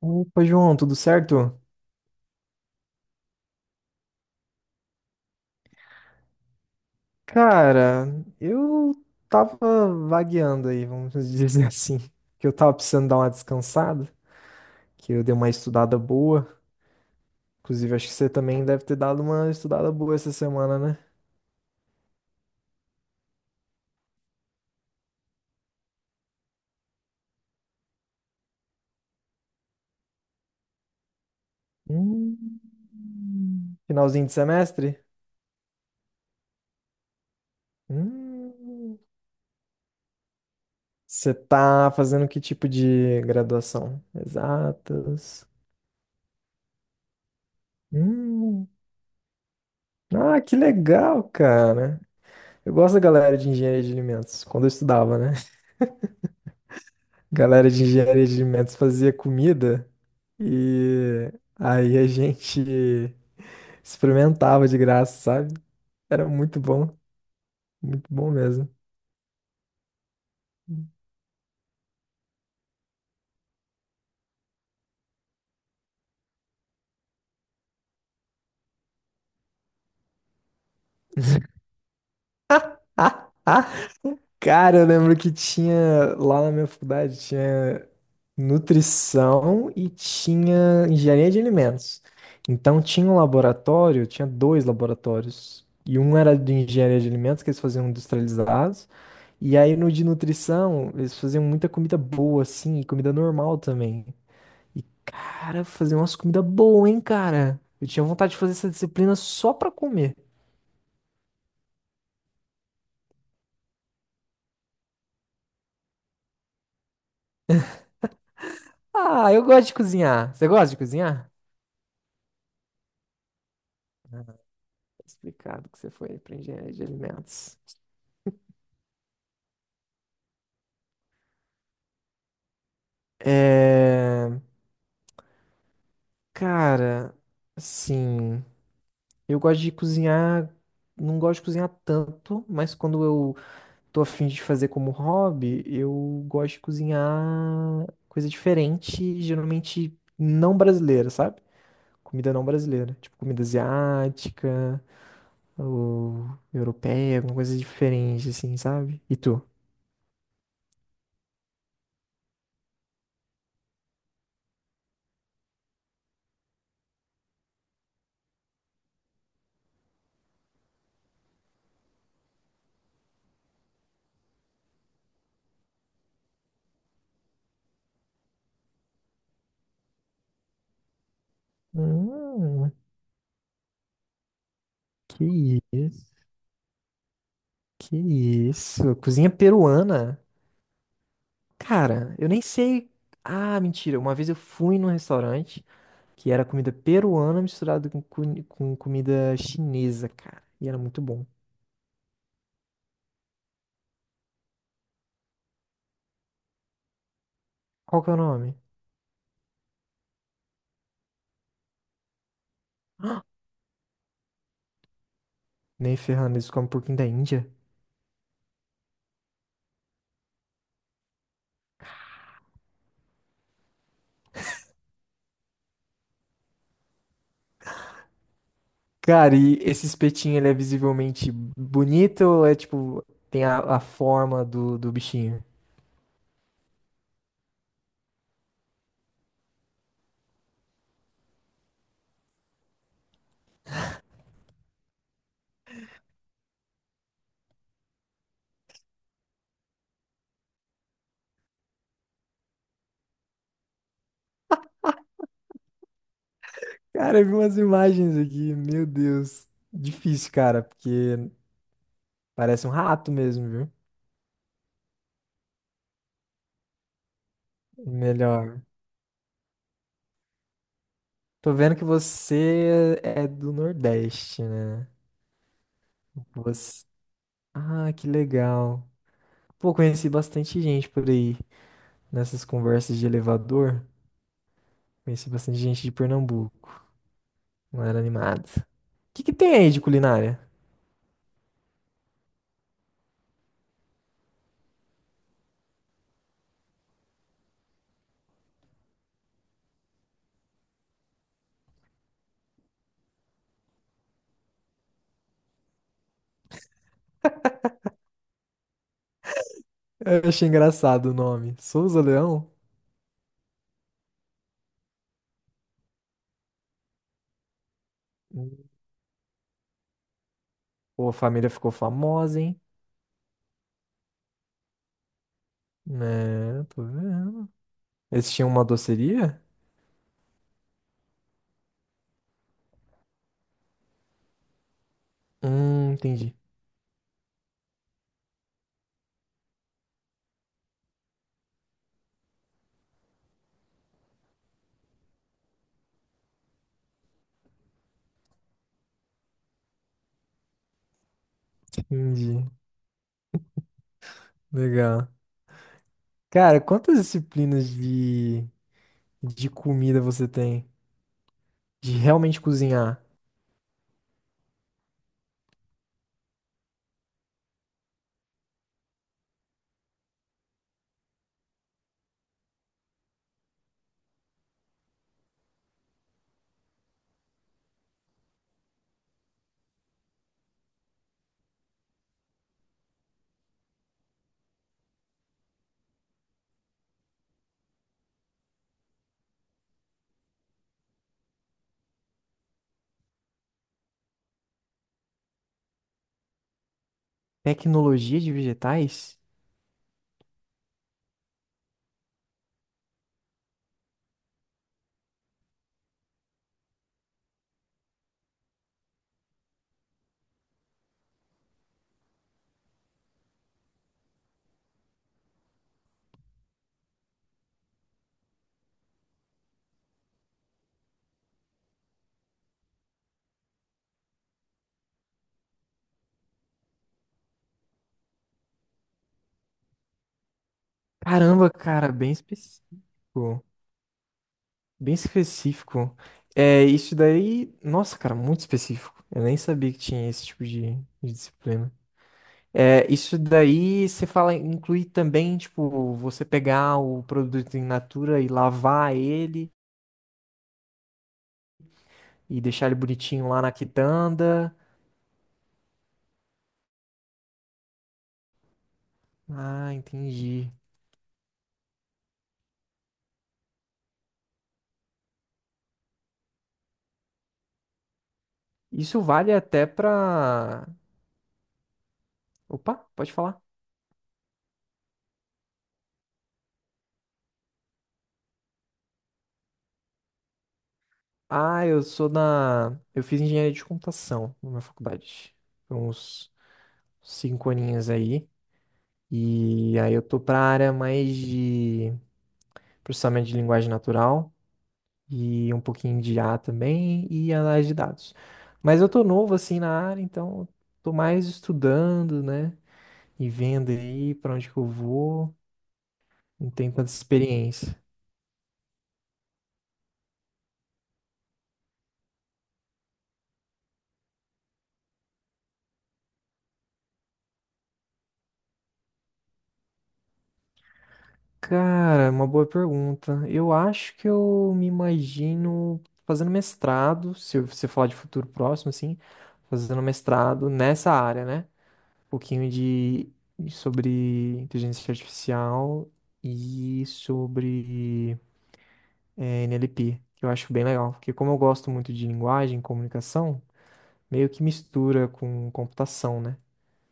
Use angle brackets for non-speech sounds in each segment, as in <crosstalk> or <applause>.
Opa, João, tudo certo? Cara, eu tava vagueando aí, vamos dizer <laughs> assim, que eu tava precisando dar uma descansada, que eu dei uma estudada boa. Inclusive, acho que você também deve ter dado uma estudada boa essa semana, né? Hum. Finalzinho de semestre? Hum. Você tá fazendo que tipo de graduação? Exatas. Hum. Ah, que legal, cara. Eu gosto da galera de engenharia de alimentos, quando eu estudava, né? Galera de engenharia de alimentos fazia comida e aí a gente <laughs> experimentava de graça, sabe? Era muito bom mesmo. <laughs> Cara, eu lembro que tinha lá na minha faculdade, tinha nutrição e tinha engenharia de alimentos. Então tinha um laboratório, tinha dois laboratórios. E um era de engenharia de alimentos, que eles faziam industrializados. E aí no de nutrição, eles faziam muita comida boa, assim, e comida normal também. E, cara, faziam umas comidas boas, hein, cara? Eu tinha vontade de fazer essa disciplina só pra comer. Ah, eu gosto de cozinhar. Você gosta de cozinhar? Tá explicado que você foi pra engenharia de alimentos. É... Cara, assim, eu gosto de cozinhar, não gosto de cozinhar tanto, mas quando eu tô afim de fazer como hobby, eu gosto de cozinhar coisa diferente, geralmente não brasileira, sabe? Comida não brasileira, tipo comida asiática ou europeia, alguma coisa diferente, assim, sabe? E tu? Hum, que isso, que isso, cozinha peruana. Cara, eu nem sei. Ah, mentira. Uma vez eu fui num restaurante que era comida peruana misturada com, com comida chinesa, cara. E era muito bom. Qual que é o nome? Nem ferrando, eles comem porquinho da Índia. Cara, e esse espetinho, ele é visivelmente bonito ou é tipo, tem a forma do bichinho? Cara, eu vi umas imagens aqui, meu Deus. Difícil, cara, porque parece um rato mesmo, viu? Melhor. Tô vendo que você é do Nordeste, né? Você... Ah, que legal. Pô, conheci bastante gente por aí nessas conversas de elevador. Conheci bastante gente de Pernambuco. Não era animado. O que que tem aí de culinária? Eu achei engraçado o nome. Souza Leão? Hum. Pô, a família ficou famosa, hein? É, tô vendo. Eles tinham uma doceria? Entendi. Entendi. Legal. Cara, quantas disciplinas de comida você tem? De realmente cozinhar? Tecnologia de vegetais? Caramba, cara, bem específico. Bem específico. É, isso daí. Nossa, cara, muito específico. Eu nem sabia que tinha esse tipo de disciplina. É, isso daí você fala, inclui também, tipo, você pegar o produto in natura e lavar ele e deixar ele bonitinho lá na quitanda. Ah, entendi. Isso vale até pra. Opa, pode falar. Ah, eu sou da. Eu fiz engenharia de computação na minha faculdade. Foi uns cinco aninhos aí. E aí eu tô pra área mais de processamento de linguagem natural e um pouquinho de IA também e análise de dados. Mas eu tô novo assim na área, então eu tô mais estudando, né? E vendo aí pra onde que eu vou. Não tenho tanta experiência. Cara, é uma boa pergunta. Eu acho que eu me imagino fazendo mestrado, se você falar de futuro próximo, assim, fazendo mestrado nessa área, né? Um pouquinho de sobre inteligência artificial e sobre NLP, que eu acho bem legal, porque como eu gosto muito de linguagem, e comunicação, meio que mistura com computação, né?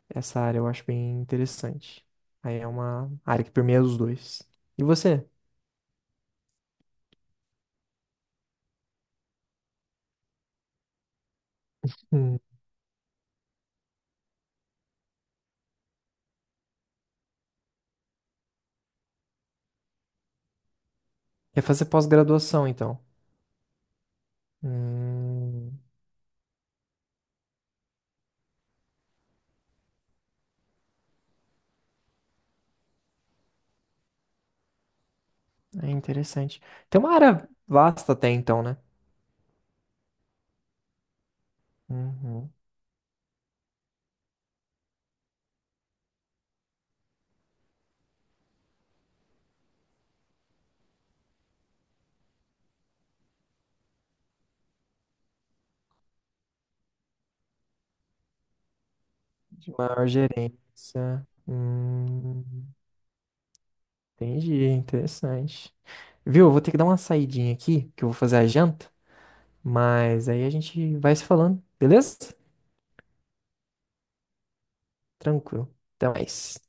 Essa área eu acho bem interessante. Aí é uma área que permeia os dois. E você? Quer fazer pós-graduação, então. Hum, é interessante. Tem uma área vasta até então, né? Uhum. De maior gerência. Entendi, interessante. Viu? Eu vou ter que dar uma saidinha aqui, que eu vou fazer a janta, mas aí a gente vai se falando, beleza? Tranquilo. Até mais.